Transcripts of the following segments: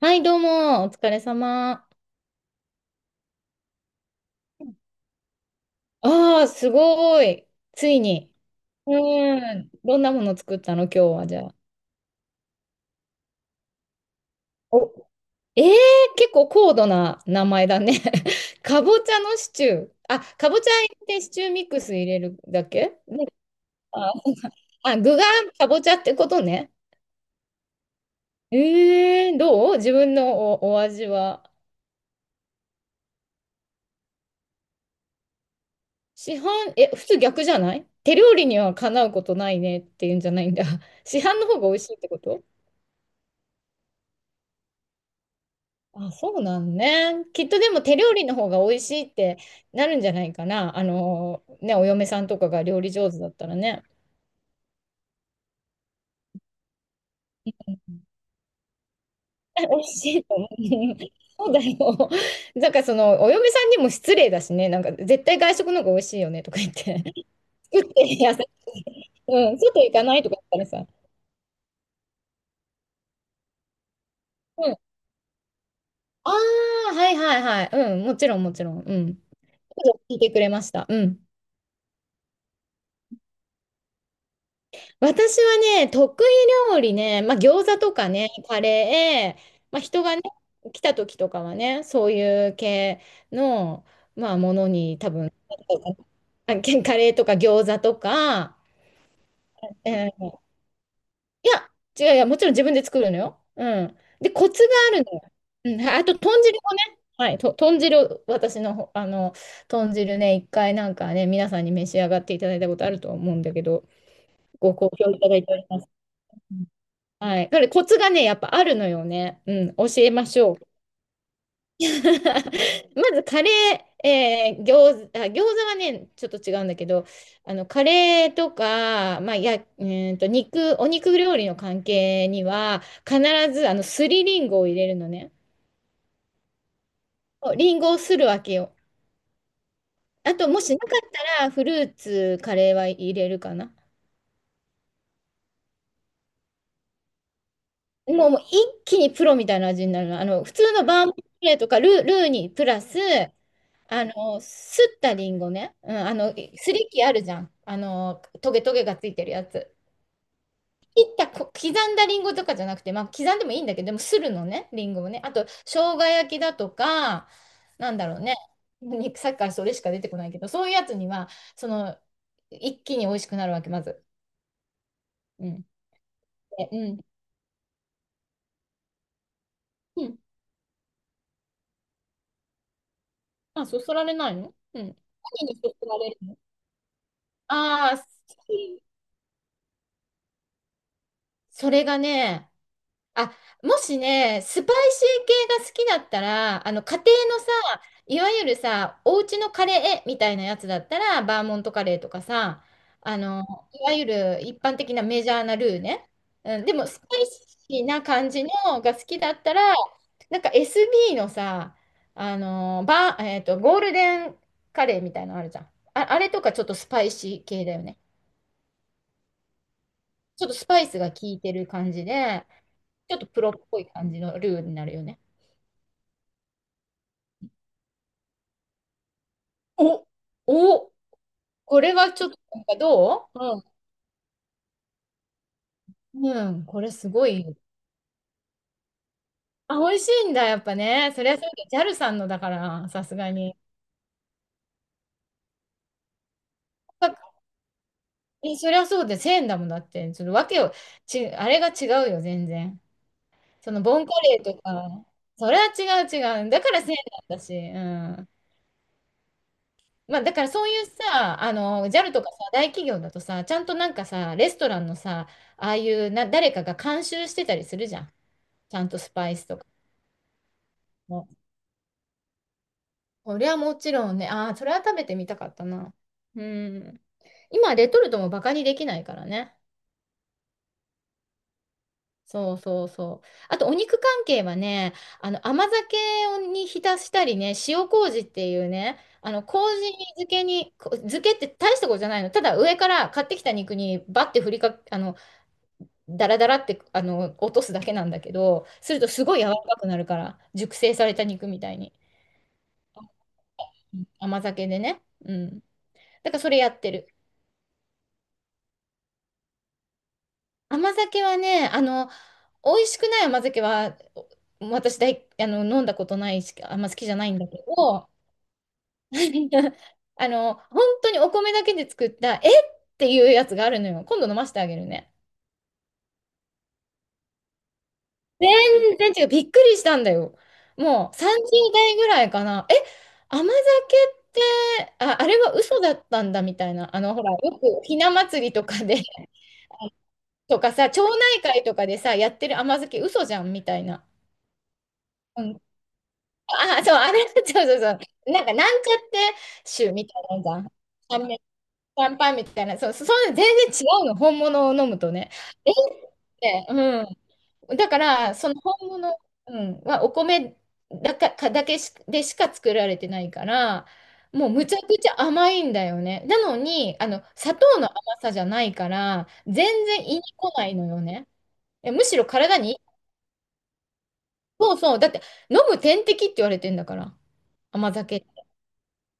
はい、どうも、お疲れ様。ああ、すごい。ついに。うーん。どんなもの作ったの、今日は、じゃあ。お、えー、結構高度な名前だね。かぼちゃのシチュー。あ、かぼちゃ入れてシチューミックス入れるだけね？あ、あ、具がかぼちゃってことね。どう自分のお味は？市販、普通逆じゃない手料理にはかなうことないねっていうんじゃないんだ。市販の方が美味しいってこと？あ、そうなんね。きっとでも手料理の方が美味しいってなるんじゃないかな。あのね、お嫁さんとかが料理上手だったらね。美味しいと思う。そうだよ。なんかその、お嫁さんにも失礼だしね。なんか絶対外食の方が美味しいよねとか言って。作ってやせ、うん、外行かないとか言ったらさ。うん。ああ、はいはいはい。うん、もちろんもちろん。うん。聞いてくれました。うん。私はね、得意料理ね、まあ、餃子とかね、カレー、まあ、人がね、来た時とかはね、そういう系の、まあ、ものに多分、カレーとか餃子とか。えーいや、違う、いや、もちろん自分で作るのよ。うん。で、コツがあるのよ。うん、あと、豚汁もね、はい、豚汁、私のほ、あの、豚汁ね、一回なんかね、皆さんに召し上がっていただいたことあると思うんだけど、ご好評いただいております。はい。だからコツがね、やっぱあるのよね。うん、教えましょう。まずカレー、餃子はね、ちょっと違うんだけど、あの、カレーとか、まあ、や、うーんと、肉、お肉料理の関係には、必ず、あの、すりりんごを入れるのね。そうリンゴをするわけよ。あと、もしなかったら、フルーツ、カレーは入れるかな。もう一気にプロみたいな味になるの。あの、普通のバームクーヘンとかルーにプラス、あの、すったりんごね。うん、あの、すりきあるじゃん。あの、トゲトゲがついてるやつ。切ったこ、刻んだりんごとかじゃなくて、まあ、刻んでもいいんだけど、でも、するのね、りんごをね。あと、生姜焼きだとか、なんだろうね。肉さっきからそれしか出てこないけど、そういうやつには、その、一気に美味しくなるわけ、まず。うん。で、うん。うん。あ、そそられないの？うん。何にそそられるの？ああ、それがね、あ、もしね、スパイシー系が好きだったら、あの、家庭のさ、いわゆるさ、お家のカレーみたいなやつだったら、バーモントカレーとかさ、あの、いわゆる一般的なメジャーなルーね。うん、でも、スパイシーな感じのが好きだったら、なんか SB のさ、あの、バー、えっと、ゴールデンカレーみたいなのあるじゃん。あ、あれとかちょっとスパイシー系だよね。ちょっとスパイスが効いてる感じで、ちょっとプロっぽい感じのルーになるよね。お、お、これはちょっとなんかどう？うん。うん、これすごいよ。あ、美味しいんだ、やっぱね。そりゃそうだ。ジャルさんのだから、さすがに。かそりゃそうで、1000だもんだって。ちょっとわけを、あれが違うよ、全然。そのボンカレーとか、それは違う違う。だから0なんだし、うん。まあ、だからそういうさ、あの、ジャルとかさ、大企業だとさ、ちゃんとなんかさ、レストランのさ、ああいうな、誰かが監修してたりするじゃん。ちゃんとスパイスとかも。それはもちろんね、ああ、それは食べてみたかったな。うん。今、レトルトもバカにできないからね。そうそうそう。あと、お肉関係はね、あの、甘酒に浸したりね、塩麹っていうね、あの、麹漬けに、こ漬けって大したことじゃないの。ただ、上から買ってきた肉にバッて振りか、あの、ダラダラってあの落とすだけなんだけど、するとすごい柔らかくなるから、熟成された肉みたいに。うん、甘酒でね。うん。だからそれやってる。甘酒はね、あの、美味しくない甘酒は、お私大あの、飲んだことないし、あんま好きじゃないんだけど、あの、本当にお米だけで作った、っていうやつがあるのよ。今度飲ませてあげるね。全然違う。びっくりしたんだよ。もう30代ぐらいかな。え、甘酒って、あ、あれは嘘だったんだみたいな。あの、ほら、よくひな祭りとかで とかさ、町内会とかでさ、やってる甘酒嘘じゃんみたいな。うん、あ、そう、あれ、そうそうそう。なんか、なんちゃって酒みたいなのじゃん。ャンメシャンパンみたいな。そう、そういうの全然違うの。本物を飲むとね。えって、うん。だから、その本物、うん、はお米だか、かだけし、でしか作られてないから、もうむちゃくちゃ甘いんだよね。なのに、あの、砂糖の甘さじゃないから、全然胃に来ないのよね。いやむしろ体に、そうそう、だって飲む点滴って言われてんだから、甘酒。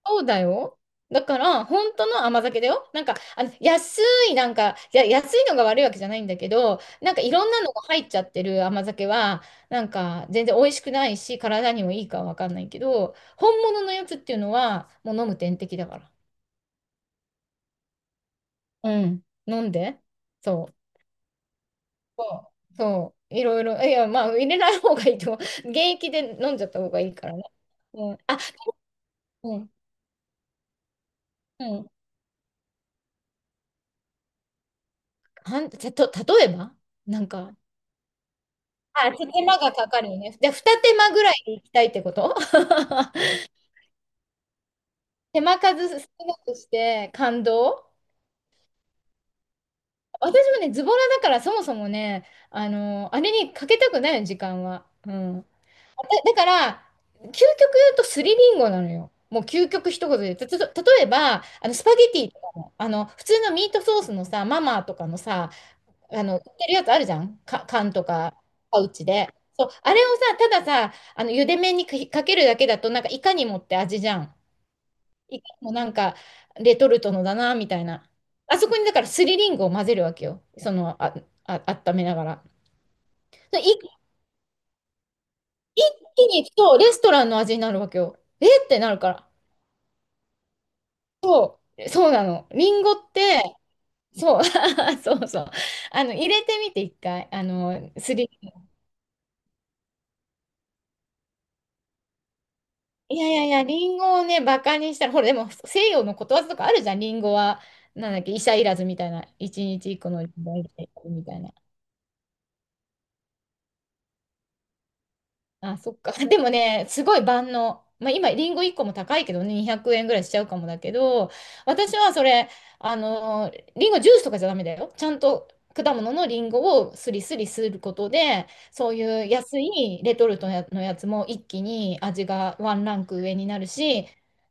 そうだよ。だから、本当の甘酒だよ。なんか、あの、安い、なんか、いや、安いのが悪いわけじゃないんだけど、なんかいろんなのが入っちゃってる甘酒は、なんか全然美味しくないし、体にもいいかはわかんないけど、本物のやつっていうのは、もう飲む点滴だから。うん。飲んで。そう。そう。そう。いろいろ。いや、まあ、入れない方がいいと思う。現役で飲んじゃった方がいいからね。うん。あ、うん。うん。はん、じゃと、例えばなんか、あ、ちょっと手間がかかるよね。じゃあ、二手間ぐらい行きたいってこと？ 手間数少なくして感動。私もね、ズボラだからそもそもね、あの、あれにかけたくないの、時間は。うん。だから、究極言うとスリリンゴなのよ。もう究極一言で。例えば、あの、スパゲティとかも、あの、普通のミートソースのさ、ママとかのさ、あの、売ってるやつあるじゃん。缶とか、パウチで。そう、あれをさ、たださ、あの、茹で麺にかけるだけだと、なんか、いかにもって味じゃん。いかにもなんか、レトルトのだな、みたいな。あそこに、だから、すりりんごを混ぜるわけよ。その、あ、温めながら。で一気に行くと、レストランの味になるわけよ。えってなるから。そうなの。りんごって、そう、そうそう。あの、入れてみて、一回。あの、すり。いやいやいや、リンゴをね、バカにしたら、ほら、でも西洋のことわざとかあるじゃん、リンゴは、なんだっけ、医者いらずみたいな、一日一個のリンゴはいらずみたいな。あ、そっか。でもね、すごい万能。まあ、今、リンゴ1個も高いけどね、200円ぐらいしちゃうかもだけど、私はそれ、あの、リンゴジュースとかじゃダメだよ。ちゃんと果物のリンゴをスリスリすることで、そういう安いレトルトのやつも一気に味がワンランク上になるし、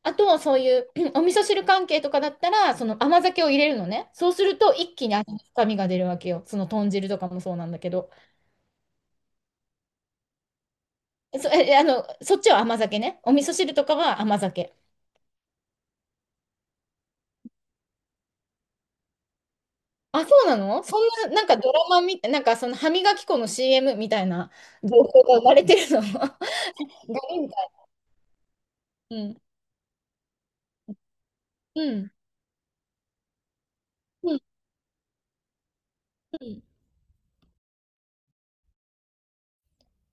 あと、そういう お味噌汁関係とかだったら、その甘酒を入れるのね。そうすると一気に味の深みが出るわけよ。その豚汁とかもそうなんだけど。そ、え、あの、そっちは甘酒ね。お味噌汁とかは甘酒。あ、そうなの？そんな、なんかドラマみたい、なんかその歯磨き粉の CM みたいな情報が生まれてるの。ガリみたいな。うん。うん。うん。うん。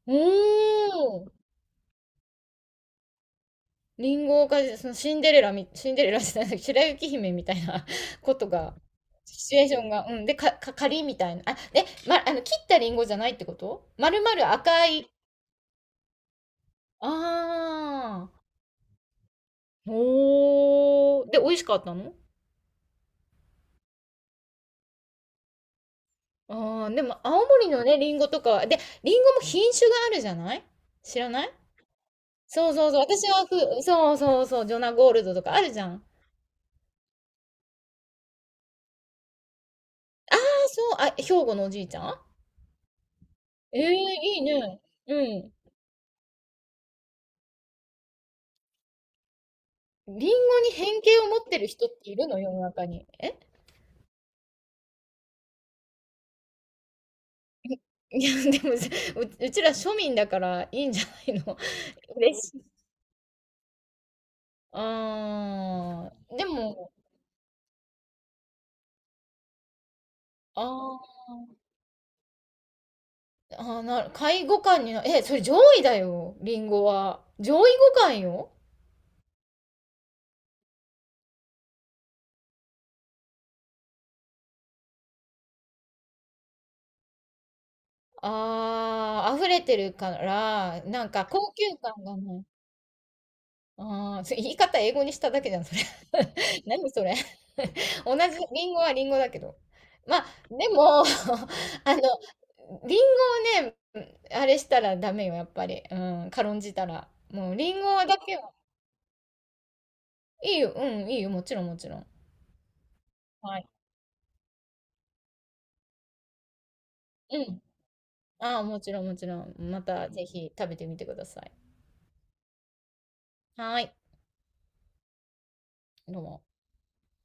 おー。リンゴが、そのシンデレラじゃない、白雪姫みたいなことが、シチュエーションが、うん。で、仮みたいな。あ、ま、あの、切ったリンゴじゃないってこと？丸々赤い。あー。おー。で、美味しかったの？ああ、でも青森のね、リンゴとかは、で、リンゴも品種があるじゃない？知らない？そうそうそう。私はそうそうそう、ジョナゴールドとかあるじゃん。あ、そう、あ、兵庫のおじいちゃん？ええー、いいね。うん。リンゴに偏見を持ってる人っているの？世の中に。え？ いや、でもさ、うちら庶民だからいいんじゃないの？ 嬉しい。あーでも、あーあー、なる、下位互換にな、え、それ上位だよ、リンゴは。上位互換よ。ああ、溢れてるから、なんか高級感がねい。ああ、それ言い方英語にしただけじゃん、それ。何それ。同じ、リンゴはリンゴだけど。まあ、でも、あの、リンゴをね、あれしたらダメよ、やっぱり。うん、軽んじたら。もう、リンゴだけは、いいよ、うん、いいよ、もちろん、もちろん。はい。うん。ああ、もちろん、もちろん。また、ぜひ食べてみてください。はい。どうも。